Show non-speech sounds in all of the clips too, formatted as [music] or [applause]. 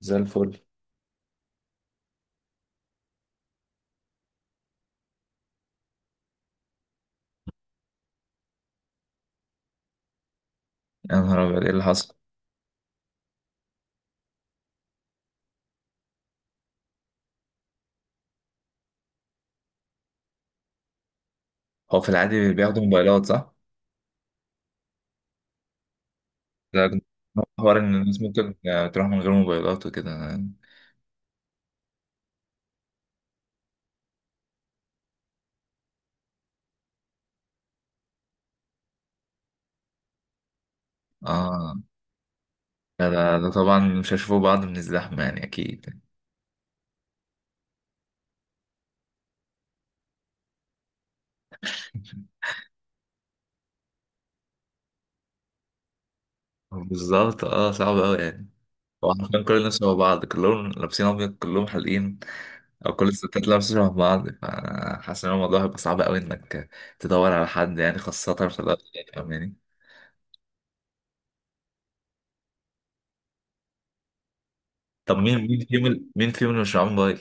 زي الفل. يا نهار أبيض، إيه اللي حصل؟ هو في العادي بياخدوا موبايلات، صح؟ ده حوار إن الناس ممكن تروح من غير موبايلات وكده. آه ده طبعا مش هيشوفوا بعض من الزحمة، يعني أكيد. [laughs] بالظبط، صعب أوي يعني. هو حرفيا كل الناس شبه بعض، كلهم لابسين أبيض، كلهم حالقين، أو كل الستات لابسة شبه بعض، فحاسس إن الموضوع هيبقى صعب أوي إنك تدور على حد يعني، خاصة في الوقت، يعني فاهماني؟ طب مين فيهم اللي مش معاه موبايل؟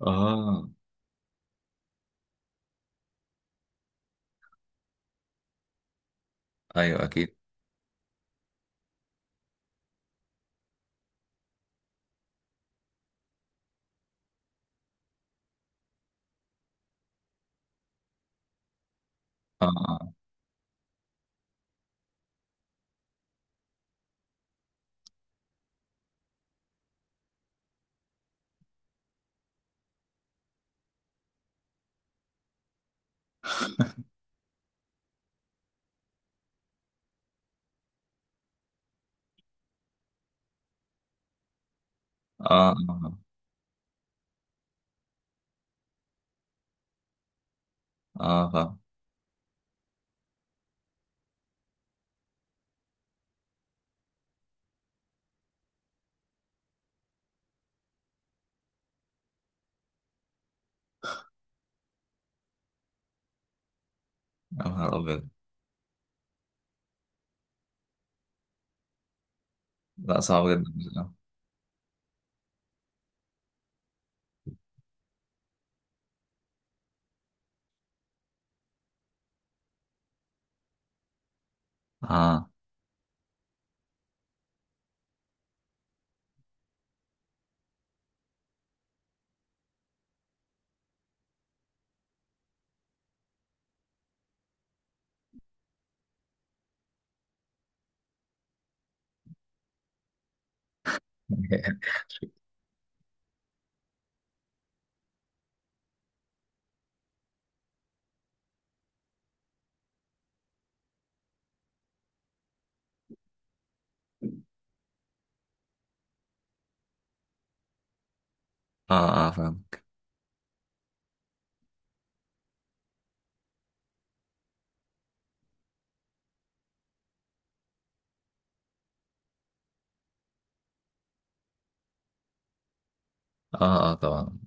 اه، أيوه، أكيد. اه. آه. اه، اه، اه، فاهم. يا نهار ابيض. لا، صعب جدا بصراحة. اه. [laughs] اه، اه، فاهم. اه، اه، طبعا.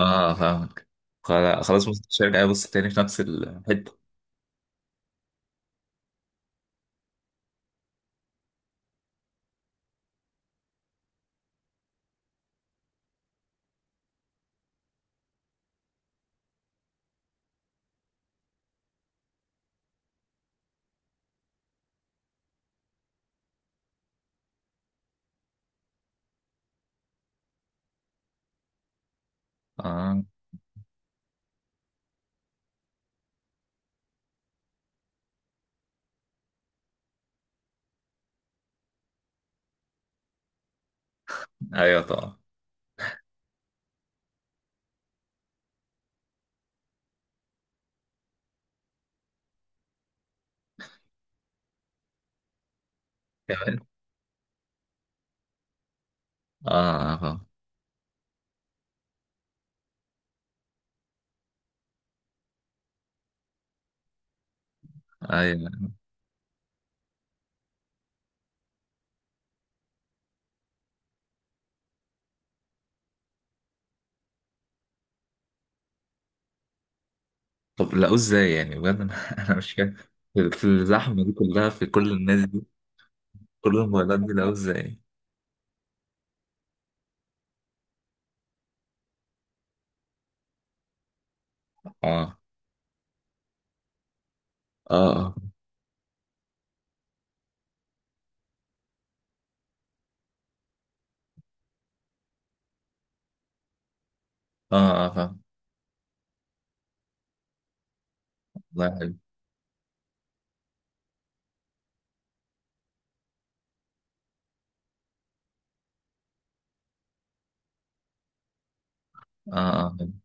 اه، فاهمك. خلاص، بص الشركة، بص تاني في نفس الحتة. اه، ايوه، طبعا. كمان. اه، اه، فاهم. ايوه. طب لقوه ازاي يعني؟ بجد انا [laughs] أنا مش فاهم. في الزحمة دي كلها، في كل الناس دي، كل الموبايلات دي، لقوه ازاي؟ اه، اه، اه، اه، اه، فاهم. الله يحب. اه، اه، فاهم.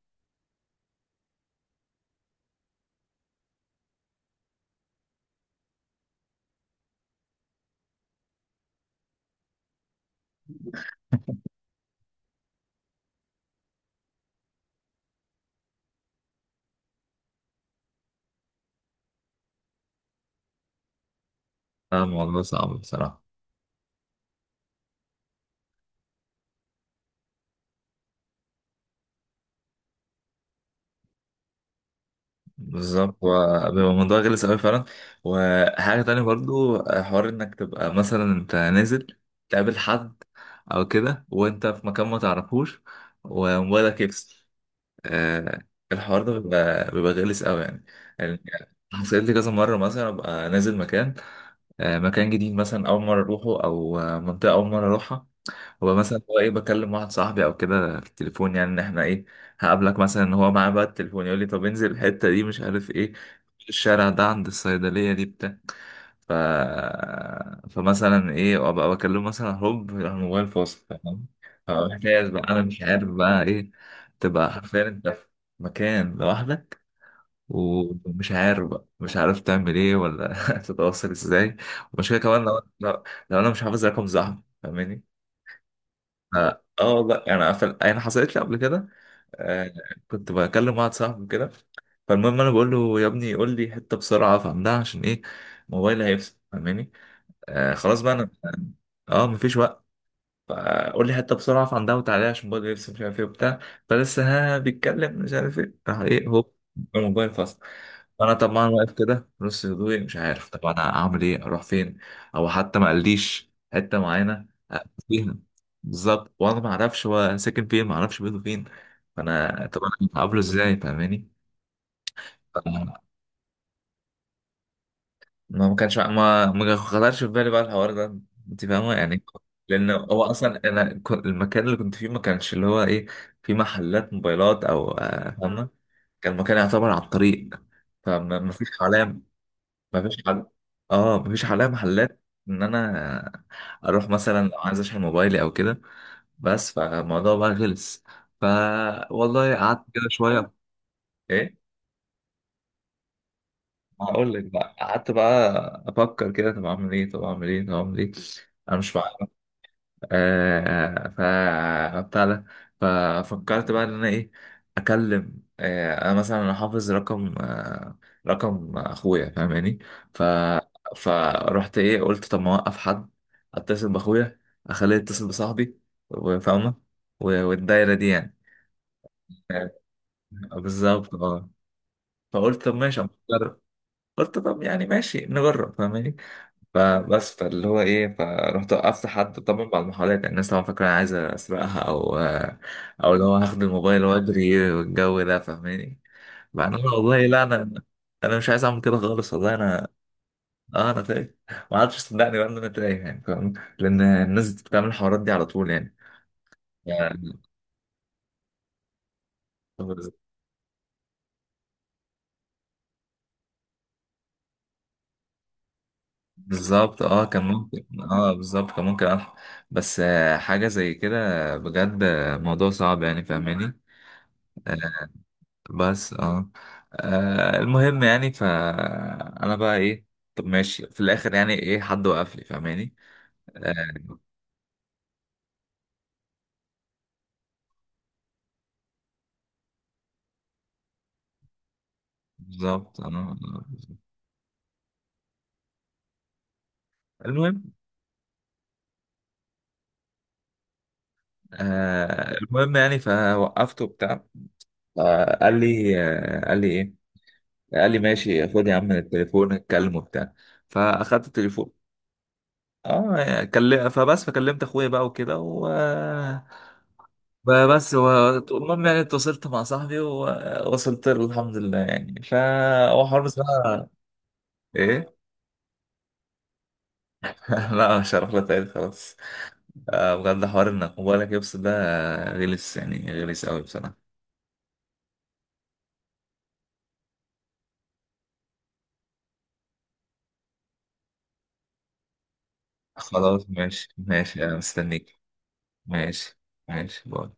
اه، الموضوع صعب بصراحة. بالظبط، وبيبقى الموضوع غلس أوي فعلا. وحاجة تانية برضو، حوار إنك تبقى مثلا أنت نازل، تقابل حد أو كده وأنت في مكان ما تعرفوش، وموبايلك يفصل. آه الحوار ده بيبقى غلس أوي يعني. يعني حصلت لي كذا مرة، مثلا أبقى نازل مكان، مكان جديد، مثلا أول مرة أروحه، أو منطقة أول مرة أروحها. هو مثلا هو ايه، بكلم واحد صاحبي او كده في التليفون، يعني ان احنا ايه، هقابلك مثلا، ان هو معاه بقى التليفون، يقول لي طب انزل الحته دي، مش عارف ايه، الشارع ده عند الصيدليه دي، بتاع. ف... فمثلا ايه، ابقى بكلمه، مثلا هوب الموبايل فاصل، فاهم؟ فمحتاج بقى انا، مش عارف بقى ايه. تبقى حرفيا انت في مكان لوحدك، ومش عارف بقى، مش عارف تعمل ايه ولا [laughs] تتواصل ازاي. ومشكلة كمان لو، لو انا مش حافظ رقم صاحبي، فاهماني؟ اه. والله يعني، يعني حصلت لي قبل كده. آه كنت بكلم واحد صاحبي كده، فالمهم انا بقول له يا ابني، قول لي حته بسرعه افهمها عشان ايه، موبايلي هيفصل، فاهماني؟ خلاص بقى انا [laughs] اه مفيش وقت، فقول لي حته بسرعه افهم ده، وتعالى عشان موبايلي يفصل، مش عارف ايه وبتاع. فلسه [laughs] ها بيتكلم، مش عارف ايه، راح ايه، هوب الموبايل فصل. انا طبعا واقف كده في نص هدوئي، مش عارف طب انا اعمل ايه، اروح فين، او حتى ما قاليش حته معينه أقف فيها. بالظبط، وانا ما اعرفش هو ساكن فين، ما اعرفش بيته فين، فانا طب انا هقابله ازاي، فاهماني؟ ف- ما كانش، ما خطرش في بالي بقى الحوار ده، انت فاهمه يعني. لان هو اصلا المكان اللي كنت فيه ما كانش اللي هو ايه، في محلات موبايلات او فاهمه. كان المكان يعتبر على الطريق، فما ما فيش حواليا، مفيش حل. اه مفيش حالها محلات ان انا اروح مثلا لو عايز اشحن موبايلي او كده، بس فالموضوع بقى خلص. ف والله قعدت كده شويه. ايه، هقول لك بقى، قعدت بقى افكر كده، طب اعمل ايه، طب اعمل ايه، طب اعمل ايه، انا مش، آه، آه، ف بتاع ده. ففكرت بقى ان انا ايه، اكلم، انا مثلا انا حافظ رقم رقم اخويا فاهماني. ف فرحت ايه، قلت طب ما اوقف حد، اتصل باخويا، اخليه يتصل بصاحبي، وفاهمه، والدايره دي يعني. آه، بالظبط، فقلت طب ماشي أما أجرب. قلت طب يعني ماشي نجرب فاهماني. فبس، فاللي هو ايه، فرحت وقفت حد، طبعا بعد المحاولات، يعني الناس طبعا فاكره انا عايز اسرقها او اللي هو هاخد الموبايل واجري والجو ده فاهماني. بعدين انا والله لا انا، انا مش عايز اعمل كده خالص والله انا، اه، انا تايه. ما عادش صدقني بقى ان انا تايه، يعني فاهم، لان الناس بتعمل الحوارات دي على طول يعني بالظبط. اه كان ممكن، بالظبط كان ممكن أفهم. بس حاجة زي كده بجد، موضوع صعب يعني فاهماني. بس المهم يعني، فأنا بقى ايه، طب ماشي في الآخر يعني ايه، حد وقف لي فاهماني. آه، بالظبط انا. المهم. المهم يعني فوقفته بتاع. قال لي ايه، قال لي ماشي خد يا عم التليفون اتكلم وبتاع، فاخدت التليفون. اه كلم، فبس، فكلمت اخويا بقى وكده، بقى بس، المهم يعني اتصلت مع صاحبي ووصلت له الحمد لله يعني. هو حوار بصراحة. ايه. [laughs] لا، مش هروح له تاني خلاص. بجد حوار انك موبايلك يفصل ده، غلس يعني، غلس قوي بصراحة. خلاص، ماشي ماشي انا مستنيك. ماشي، ماشي باي.